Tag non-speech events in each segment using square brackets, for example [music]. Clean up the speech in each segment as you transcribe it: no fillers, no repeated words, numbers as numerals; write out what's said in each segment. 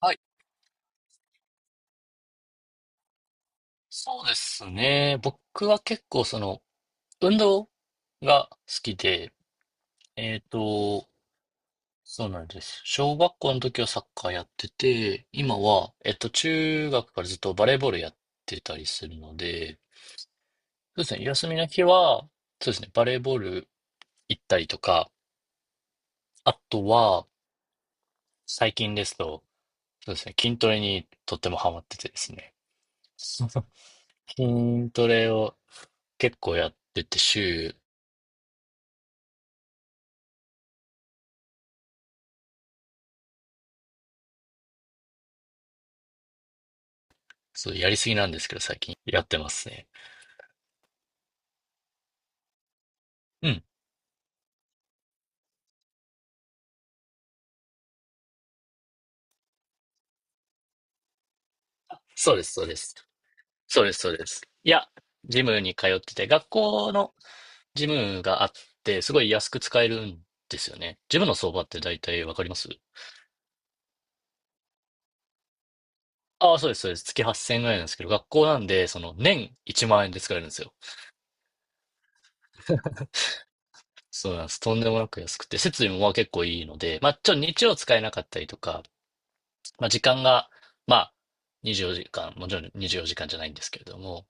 はい、そうですね。僕は結構運動が好きで、えっと、そうなんです。小学校の時はサッカーやってて、今は、中学からずっとバレーボールやってたりするので、そうですね、休みの日は、そうですね、バレーボール行ったりとか、あとは、最近ですと、そうですね、筋トレにとってもハマっててですね。[laughs] 筋トレを結構やってて週そう、やりすぎなんですけど、最近やってますね。うん。そうです、そうです。そうです、そうです。いや、ジムに通ってて、学校のジムがあって、すごい安く使えるんですよね。ジムの相場って大体わかります？ああ、そうです、そうです。月8000円ぐらいなんですけど、学校なんで、年1万円で使えるんですよ。そうなんです。とんでもなく安くて、設備もまあ結構いいので、まあちょっと日曜使えなかったりとか、まあ時間が、まあ24時間、もちろん24時間じかんじゃないんですけれども、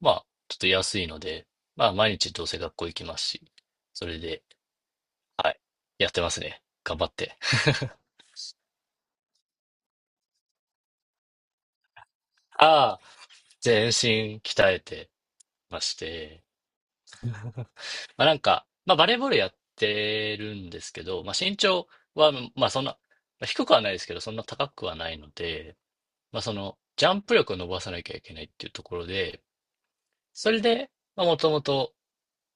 まあ、ちょっと安いので、まあ、毎日どうせ学校行きますし、それで、はい、やってますね。頑張って。[laughs] ああ、全身鍛えてまして、まあなんか、まあバレーボールやってるんですけど、まあ身長は、まあそんな、まあ低くはないですけど、そんな高くはないので、まあジャンプ力を伸ばさなきゃいけないっていうところで、それで、まあもともと、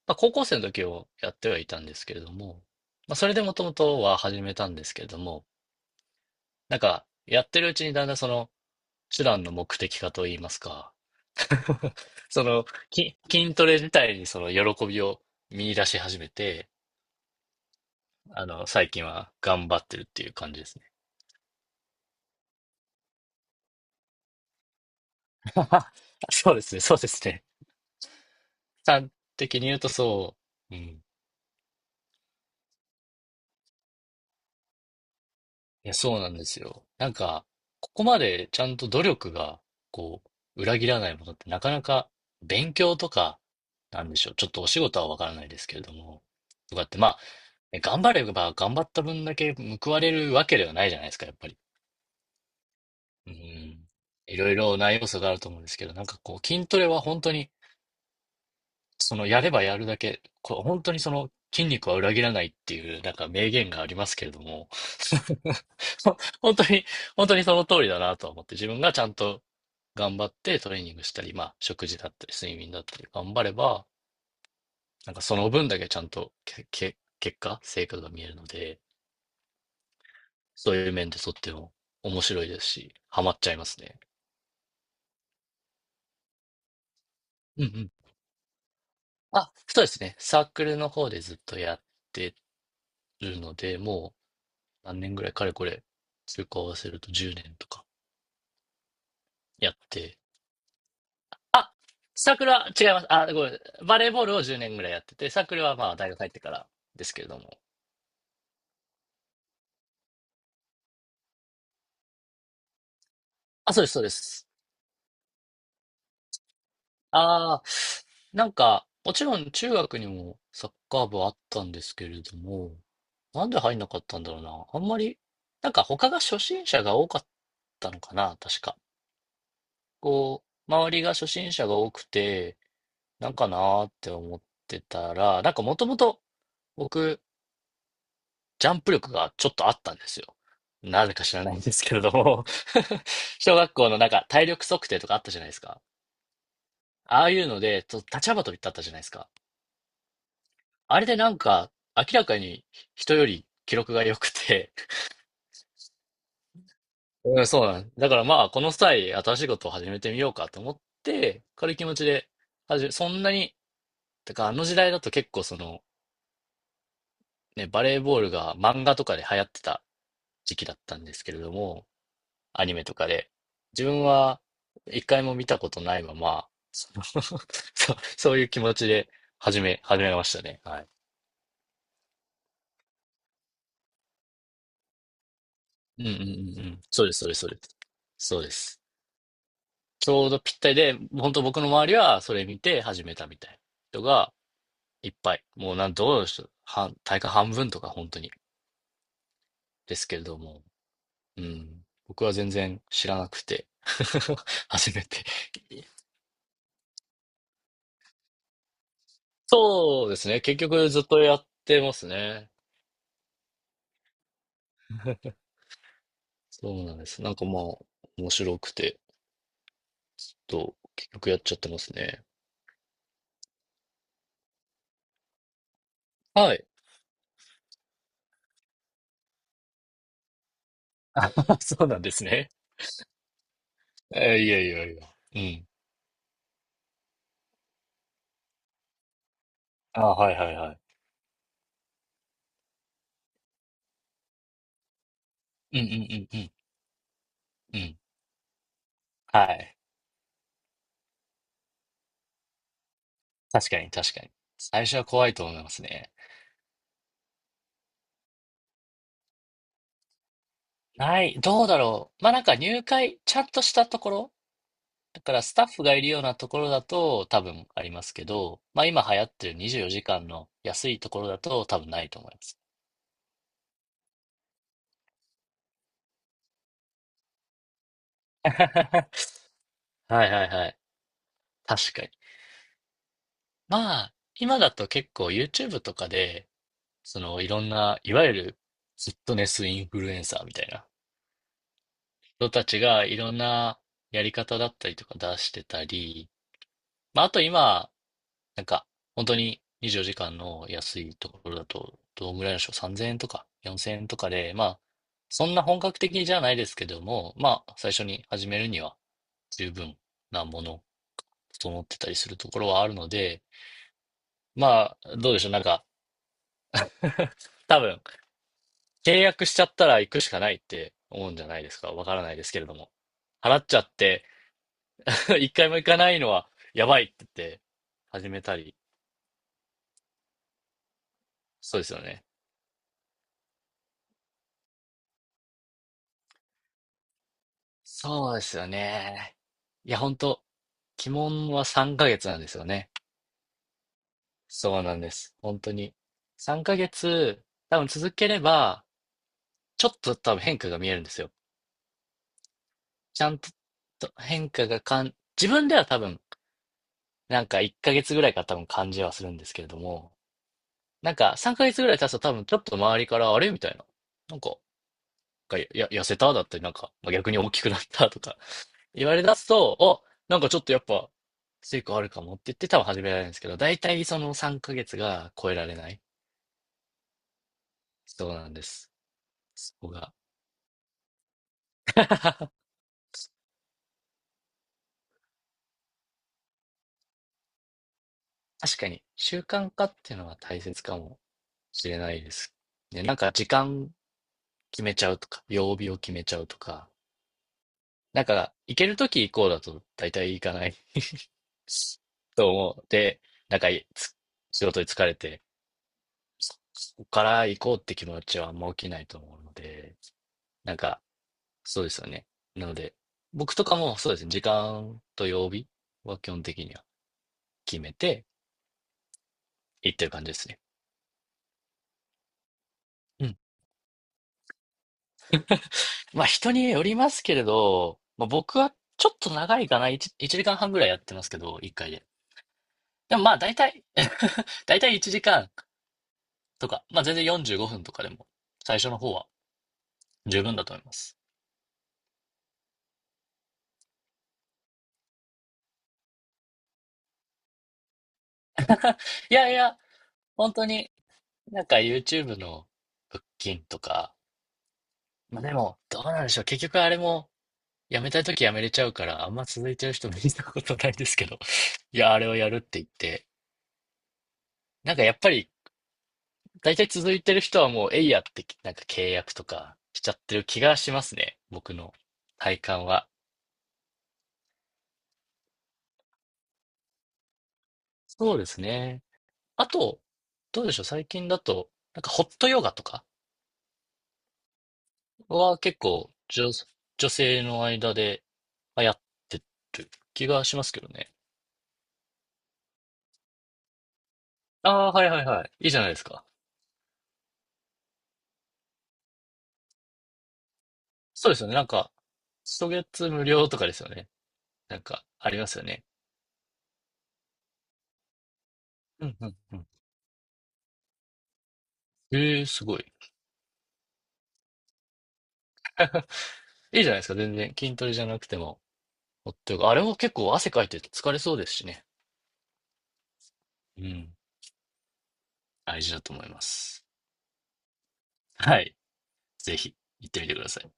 まあ高校生の時をやってはいたんですけれども、まあそれでもともとは始めたんですけれども、なんか、やってるうちにだんだん手段の目的化といいますか、[laughs] その、筋トレ自体に喜びを見出し始めて、最近は頑張ってるっていう感じですね。[laughs] そうですね、そうですね。端的に言うとそう。うん。いや、そうなんですよ。なんか、ここまでちゃんと努力が、こう、裏切らないものってなかなか勉強とか、なんでしょう。ちょっとお仕事はわからないですけれども、とかって、まあ、ね頑張れば頑張った分だけ報われるわけではないじゃないですか、やっぱり。うん。いろいろな要素があると思うんですけど、なんかこう、筋トレは本当に、やればやるだけ、こう、本当に筋肉は裏切らないっていう、なんか名言がありますけれども、[laughs] ほ本当に、本当にその通りだなと思って、自分がちゃんと頑張ってトレーニングしたり、まあ、食事だったり、睡眠だったり、頑張れば、なんかその分だけちゃんと結果、成果が見えるので、そういう面でとっても面白いですし、ハマっちゃいますね。うんうん。あ、そうですね。サークルの方でずっとやってるので、もう何年ぐらい、かれこれ、中高合わせると10年とかやって、サークルは違います。あ、ごめん。バレーボールを10年ぐらいやってて、サークルはまあ大学入ってからですけれども。あ、そうです、そうです。ああ、なんか、もちろん中学にもサッカー部はあったんですけれども、なんで入んなかったんだろうな。あんまり、なんか他が初心者が多かったのかな、確か。こう、周りが初心者が多くて、なんかなーって思ってたら、なんかもともと僕、ジャンプ力がちょっとあったんですよ。なぜか知らないんですけれども [laughs] 小学校のなんか体力測定とかあったじゃないですか。ああいうので、立ち幅跳びってあったじゃないですか。あれでなんか明らかに人より記録が良くて。うん、そうなんです。だからまあこの際新しいことを始めてみようかと思って、軽い気持ちで始め、そんなに、だからあの時代だと結構そのね、バレーボールが漫画とかで流行ってた時期だったんですけれども、アニメとかで。自分は一回も見たことないまま、その [laughs] そういう気持ちで始めましたね。はい。うんうんうんうん。そうです、そうです、そうです。そうです。ちょうどぴったりで、本当僕の周りはそれ見て始めたみたいな人がいっぱい。もうどうでしょう。大会半分とか本当に。ですけれども。うん。僕は全然知らなくて。[laughs] 初めて。そうですね。結局ずっとやってますね。そうなんです。なんかまあ、面白くて、結局やっちゃってますね。はい。[laughs] あ、そうなんですね。いやいやいや。うん。あ、はいはいはい。うんうんうんうん。うん。はい。確かに確かに。最初は怖いと思いますね。ない。どうだろう。まあなんか入会、ちゃんとしたところ。だからスタッフがいるようなところだと多分ありますけど、まあ今流行ってる24時間の安いところだと多分ないと思います。[laughs] はいはいはい。確かに。まあ、今だと結構 YouTube とかで、そのいろんな、いわゆるフィットネスインフルエンサーみたいな人たちがいろんなやり方だったりとか出してたり、まあ、あと今、なんか本当に24時間の安いところだと、どんぐらいのでしょう、3000円とか4000円とかで、まあ、そんな本格的じゃないですけども、まあ、最初に始めるには十分なもの、整ってたりするところはあるので、まあ、どうでしょう、なんか、多分、契約しちゃったら行くしかないって思うんじゃないですか。わからないですけれども。払っちゃって、[laughs] 一回も行かないのはやばいって言って、始めたり。そうですよね。そうですよね。いや、本当鬼門は3ヶ月なんですよね。そうなんです。本当に。3ヶ月、多分続ければ、ちょっと多分変化が見えるんですよ。ちゃんと変化が自分では多分、なんか1ヶ月ぐらいから多分感じはするんですけれども、なんか、3ヶ月ぐらい経つと多分ちょっと周りから、あれみたいな。なんか、痩せただったり、なんか、まあ逆に大きくなったとか [laughs] 言われ出すと、あ、なんかちょっとやっぱ、成果あるかもって言って多分始められるんですけど、大体その3ヶ月が超えられない。そうなんです。そこが。[laughs] 確かに、習慣化っていうのは大切かもしれないです。ね、なんか時間決めちゃうとか、曜日を決めちゃうとか、なんか、行けるとき行こうだと大体行かないと思って、なんかつ仕事に疲れて、ここから行こうって気持ちはあんま起きないと思うので、なんか、そうですよね。なので、僕とかもそうですね、時間と曜日は基本的には決めて行ってる感じですね。うん。まあ人によりますけれど、まあ、僕はちょっと長いかな、1、一時間半ぐらいやってますけど、1回で。でもまあ大体 [laughs] 大体1時間とか、まあ全然45分とかでも、最初の方は十分だと思います。いやいや、本当になんか YouTube の腹筋とか、まあでも、どうなんでしょう。結局あれも、やめたいときやめれちゃうから、あんま続いてる人見たことないですけど、[laughs] いや、あれをやるって言って、なんかやっぱり、大体続いてる人はもう、えいやって、なんか契約とかしちゃってる気がしますね。僕の体感は。そうですね。あと、どうでしょう。最近だと、なんかホットヨガとかは結構女性の間で流行ってる気がしますけどね。ああ、はいはいはい。いいじゃないですか。そうですよね。なんか、初月無料とかですよね。なんか、ありますよね。うんうんうん。ええすごい。いいじゃないですか。全然筋トレじゃなくても。ほっとよくあれも結構汗かいて疲れそうですしね。うん。大事だと思います。はい。ぜひ、行ってみてください。